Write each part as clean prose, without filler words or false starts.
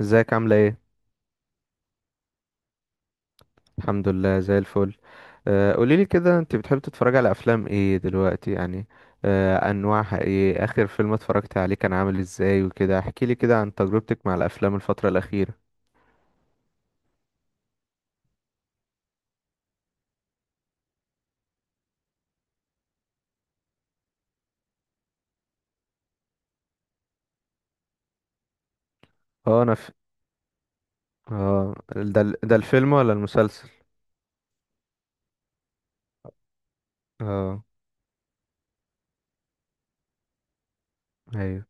ازيك عاملة ايه؟ الحمد لله زي الفل. قوليلي كده انت بتحبي تتفرجي على افلام ايه دلوقتي يعني. انواعها ايه؟ اخر فيلم اتفرجت عليه كان عامل ازاي وكده؟ احكيلي كده عن تجربتك مع الافلام الفترة الاخيرة. اه انا اه ده الفيلم ولا المسلسل؟ اه، ايوه.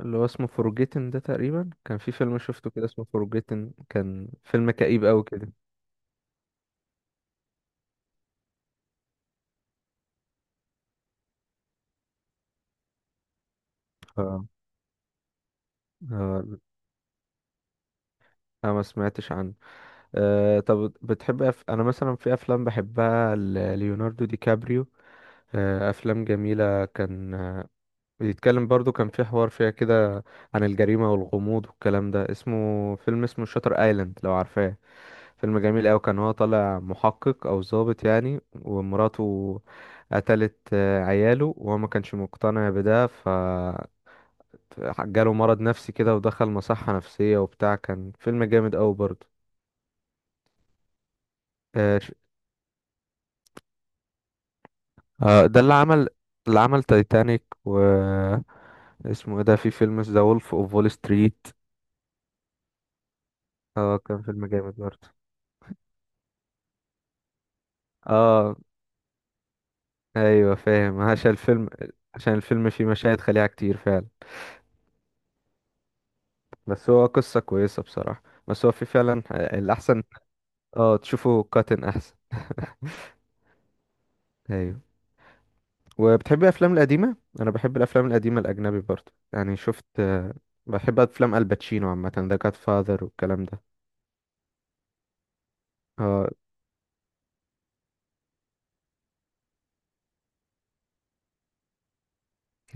اللي هو اسمه فورجيتن ده، تقريبا كان في فيلم شفته كده اسمه فورجيتن، كان فيلم كئيب قوي كده. اه. اه، لا، ما سمعتش عنه. أه، طب بتحب انا مثلا في افلام بحبها ليوناردو دي كابريو. افلام جميله كان، بيتكلم برضو كان في حوار فيها كده عن الجريمه والغموض والكلام ده. اسمه فيلم، اسمه شاتر ايلاند، لو عارفاه. فيلم جميل أوي، كان هو طالع محقق أو ضابط يعني، ومراته قتلت عياله وهو ما كانش مقتنع بده. ف جاله مرض نفسي كده ودخل مصحة نفسية وبتاع. كان فيلم جامد أوي برضه. ده اللي عمل، اللي عمل تايتانيك و اسمه ايه ده، في فيلم ذا وولف اوف وول ستريت. اه كان فيلم جامد برضه. اه، ايوه فاهم، عشان الفيلم، عشان الفيلم فيه مشاهد خليعة كتير فعلا. بس هو قصة كويسة بصراحة. بس هو في فعلا الأحسن. اه، تشوفه كاتن أحسن. ايوه. وبتحبي الأفلام القديمة؟ أنا بحب الأفلام القديمة الأجنبي برضه، يعني شفت، بحب أفلام الباتشينو عامة، ذا جاد فاذر والكلام ده. اه،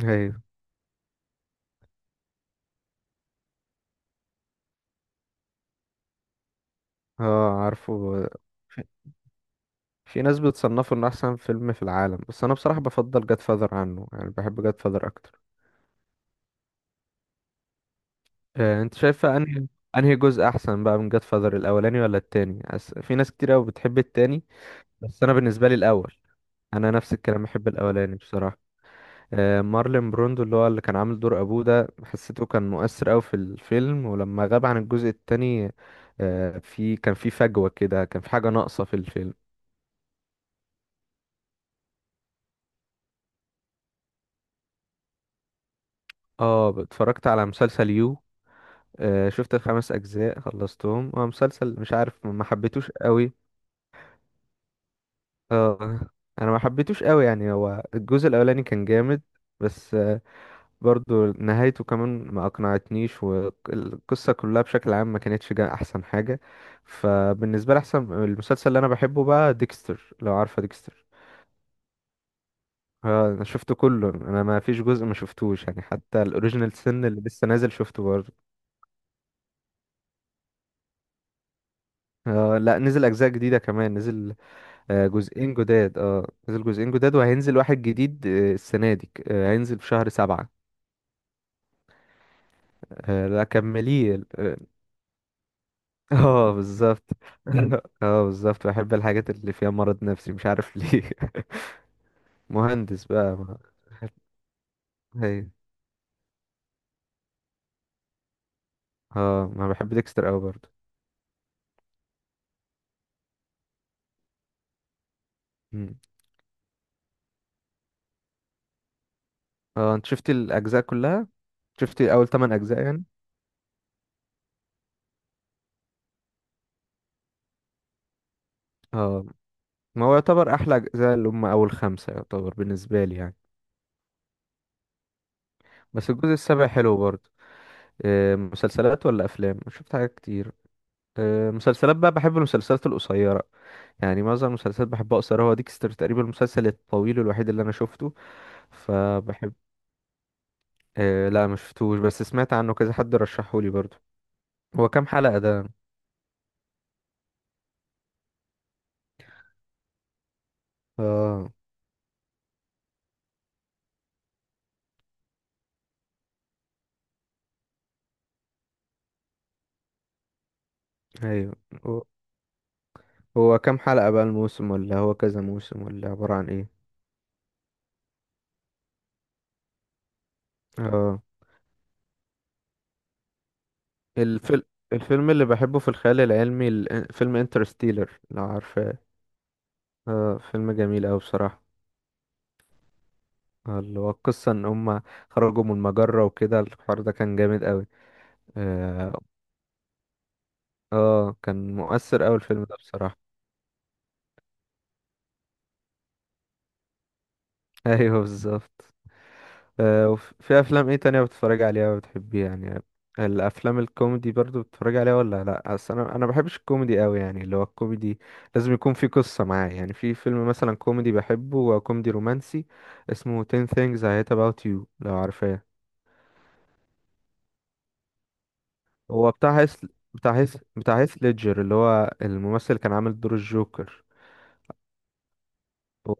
ايوه. اه، عارفه، في ناس بتصنفه انه احسن فيلم في العالم، بس انا بصراحة بفضل جاد فاذر عنه يعني، بحب جاد فاذر اكتر. انت شايفة انهي جزء احسن بقى من جاد فاذر، الاولاني ولا التاني؟ في ناس كتير قوي بتحب التاني، بس انا بالنسبة لي الاول. انا نفس الكلام، بحب الاولاني بصراحة. مارلين بروندو اللي هو اللي كان عامل دور ابوه ده، حسيته كان مؤثر قوي في الفيلم، ولما غاب عن الجزء التاني في كان في فجوة كده، كان في حاجة ناقصة في الفيلم. اه، اتفرجت على مسلسل يو. شفت الخمس اجزاء، خلصتهم. هو مسلسل مش عارف، ما حبيتوش قوي. اه، ما حبيتوش قوي يعني. هو الجزء الاولاني كان جامد بس، برضو نهايته كمان ما اقنعتنيش، والقصة كلها بشكل عام ما كانتش جا احسن حاجة. فبالنسبة لي احسن المسلسل اللي انا بحبه بقى ديكستر، لو عارفة ديكستر. اه، انا شفته كله، انا ما فيش جزء ما شفتوش يعني، حتى الاوريجينال سن اللي لسه نازل شفته برضه. آه لا، نزل اجزاء جديدة كمان، نزل جزئين جداد. اه نزل جزئين جداد، وهينزل واحد جديد السنة دي، هينزل في شهر سبعة. لا كمليه اه. بالظبط. اه بالظبط، بحب الحاجات اللي فيها مرض نفسي، مش عارف ليه. مهندس بقى هي اه. ما بحب ديكستر قوي برضه. مم. اه، انت شفتي الاجزاء كلها؟ شفتي اول 8 اجزاء يعني؟ اه، ما هو يعتبر احلى اجزاء اللي هم اول خمسة يعتبر بالنسبة لي يعني. بس الجزء السابع حلو برضه. مسلسلات ولا افلام؟ شفت حاجات كتير. مسلسلات بقى بحب المسلسلات القصيرة، يعني معظم المسلسلات بحبها قصيرة. هو ديكستر تقريبا المسلسل الطويل الوحيد اللي أنا شفته. فبحب. أه لا، ما شفتوش، بس سمعت عنه، كذا حد رشحهولي برضو. هو كام حلقة ده؟ اه، ايوه. هو هو كام حلقة بقى الموسم؟ ولا هو كذا موسم؟ ولا عبارة عن ايه؟ اه. الفيلم الفيلم اللي بحبه في الخيال العلمي فيلم انترستيلر، لو عارفاه. اه فيلم جميل أوي بصراحة. اللي هو القصة ان هما خرجوا من المجرة وكده، الحوار ده كان جامد أوي. اه. كان مؤثر أوي الفيلم ده بصراحة. ايوه بالظبط. آه، وفي افلام ايه تانية بتتفرج عليها وبتحبيها يعني؟ الافلام الكوميدي برضو بتتفرج عليها ولا لا؟ اصل انا بحبش الكوميدي أوي يعني، اللي هو الكوميدي لازم يكون في قصة معاه يعني. في فيلم مثلا كوميدي بحبه، هو كوميدي رومانسي اسمه 10 things I hate about you، لو عارفاه. هو بتاع هيث، بتاع هيث ليدجر، اللي هو الممثل اللي كان عامل دور الجوكر. هو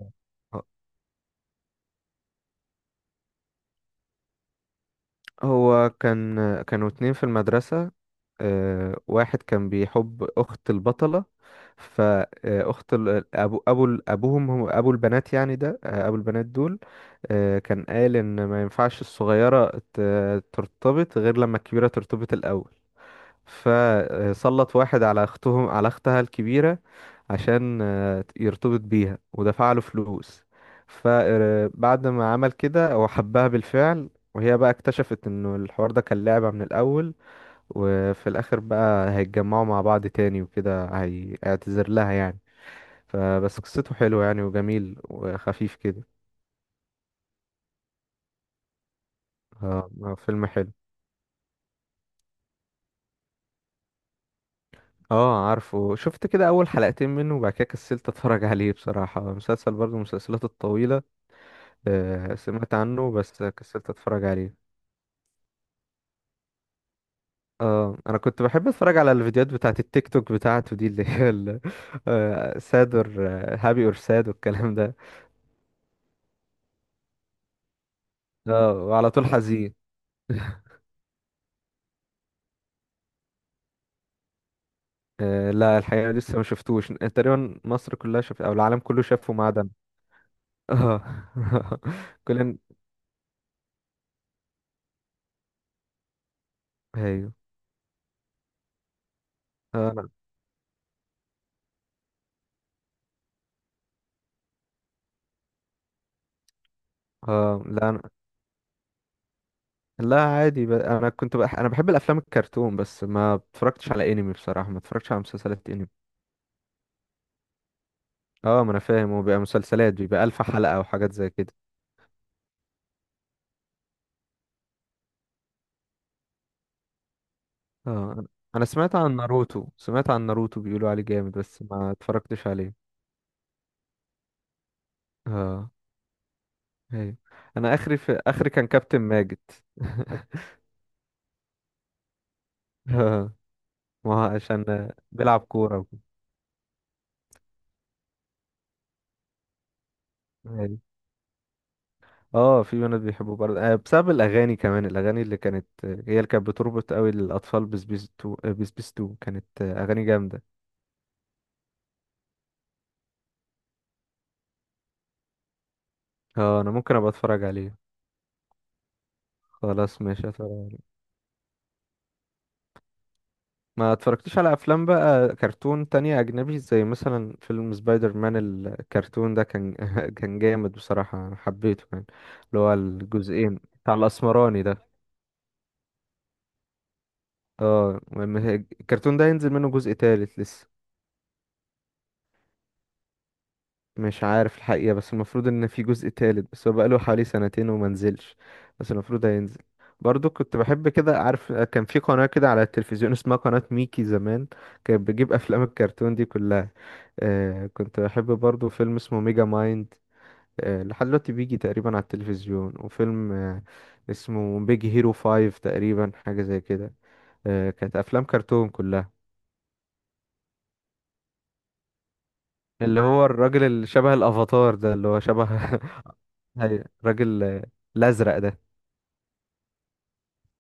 هو كان، كانوا اتنين في المدرسة. واحد كان بيحب اخت البطله. فاخت ابوهم، هم ابو البنات يعني ده، ابو البنات دول كان قال ان ما ينفعش الصغيره ترتبط غير لما الكبيره ترتبط الاول. فسلط واحد على اختهم، على اختها الكبيره، عشان يرتبط بيها، ودفع له فلوس. فبعد ما عمل كده هو حبها بالفعل، وهي بقى اكتشفت انه الحوار ده كان لعبة من الاول. وفي الاخر بقى هيتجمعوا مع بعض تاني وكده، هيعتذر لها يعني. فبس قصته حلوة يعني وجميل وخفيف كده. فيلم حلو. اه عارفه، شفت كده اول حلقتين منه وبعد كده كسلت اتفرج عليه بصراحة. مسلسل برضه من المسلسلات الطويلة. سمعت عنه بس كسلت اتفرج عليه. اه، انا كنت بحب اتفرج على الفيديوهات بتاعت التيك توك بتاعته دي اللي هي ساد اور، هابي اور ساد والكلام ده. اه وعلى طول حزين. آه لا، الحقيقة لسه ما شفتوش. تقريبا مصر كلها شافت أو العالم كله شافه ما عدا أنا اه. كلنا. أيوه. أنا اه لا أنا، لا عادي أنا بحب الأفلام الكرتون، بس ما اتفرجتش على أنمي بصراحة، ما اتفرجتش على مسلسلات أنمي. اه ما أنا فاهم، هو بيبقى مسلسلات، بيبقى ألف حلقة وحاجات زي كده. اه، أنا سمعت عن ناروتو، بيقولوا عليه جامد، بس ما اتفرجتش عليه. اه. أيوه. أنا آخري في آخري كان كابتن ماجد. ما هو عشان بيلعب كورة وكده. يعني. اه، في بنات بيحبوا برضه بسبب الأغاني كمان، الأغاني اللي كانت هي اللي كانت بتربط قوي الأطفال بسبيس تو، بسبيس تو كانت أغاني جامدة. اه أنا ممكن أبقى أتفرج عليه. خلاص ماشي، أتفرج عليه. ما اتفرجتش على أفلام بقى كرتون تانية أجنبي، زي مثلا فيلم سبايدر مان الكرتون ده، كان كان جامد بصراحة أنا حبيته يعني. اللي هو الجزئين بتاع الأسمراني ده. اه المهم الكرتون ده ينزل منه جزء تالت لسه. مش عارف الحقيقة، بس المفروض ان في جزء تالت، بس هو بقاله حوالي سنتين وما نزلش، بس المفروض هينزل. برضو كنت بحب كده، عارف كان في قناة كده على التلفزيون اسمها قناة ميكي زمان، كانت بتجيب افلام الكرتون دي كلها. آه كنت بحب برضو فيلم اسمه ميجا مايند، آه لحد دلوقتي بيجي تقريبا على التلفزيون. وفيلم آه اسمه بيج هيرو فايف تقريبا، حاجة زي كده. آه كانت افلام كرتون كلها. اللي هو الراجل اللي شبه الافاتار ده، اللي هو شبه الراجل الازرق ده.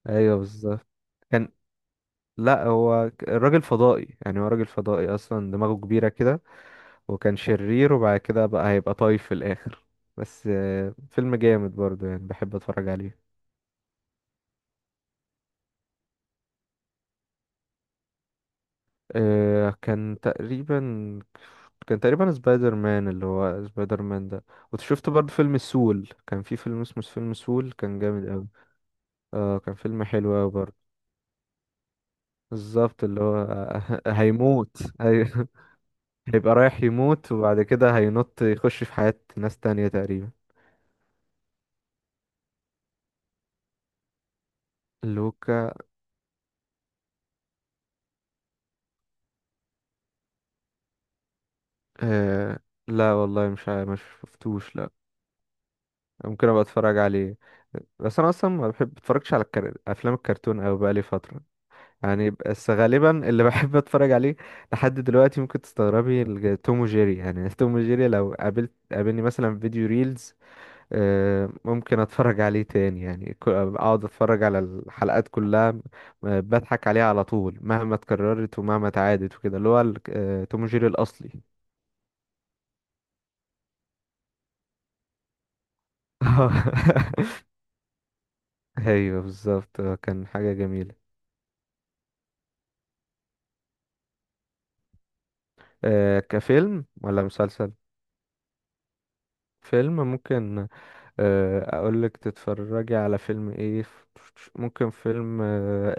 ايوه بالظبط. كان، لا هو الراجل فضائي يعني، هو راجل فضائي اصلا، دماغه كبيره كده، وكان شرير، وبعد كده بقى هيبقى طايف في الاخر. بس فيلم جامد برضه يعني، بحب اتفرج عليه. آه، كان تقريبا كان تقريبا سبايدر مان، اللي هو سبايدر مان ده. وشفت برضه فيلم سول، كان في فيلم اسمه فيلم سول، كان جامد قوي. اه كان فيلم حلو قوي برضه. بالظبط اللي هو هيموت، ايوه. هيبقى رايح يموت، وبعد كده هينط يخش في حياة ناس تانية تقريبا. لوكا آه... لا والله، مش شفتوش لا. ممكن ابقى اتفرج عليه، بس انا اصلا ما بحب اتفرجش على افلام الكرتون، او بقالي فتره يعني. بس غالبا اللي بحب اتفرج عليه لحد دلوقتي، ممكن تستغربي، توم وجيري يعني. توم وجيري لو قابلت، قابلني مثلا في فيديو ريلز، ممكن اتفرج عليه تاني يعني، اقعد اتفرج على الحلقات كلها، بضحك عليها على طول مهما اتكررت ومهما اتعادت وكده، اللي هو توم جيري الاصلي. ايوه بالظبط، كان حاجة جميلة. كفيلم ولا مسلسل؟ فيلم ممكن، اقولك تتفرجي على فيلم ايه؟ ممكن فيلم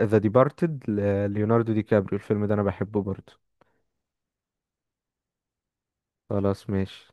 ذا ديبارتد، ليوناردو دي كابريو، الفيلم ده انا بحبه برضه. خلاص ماشي.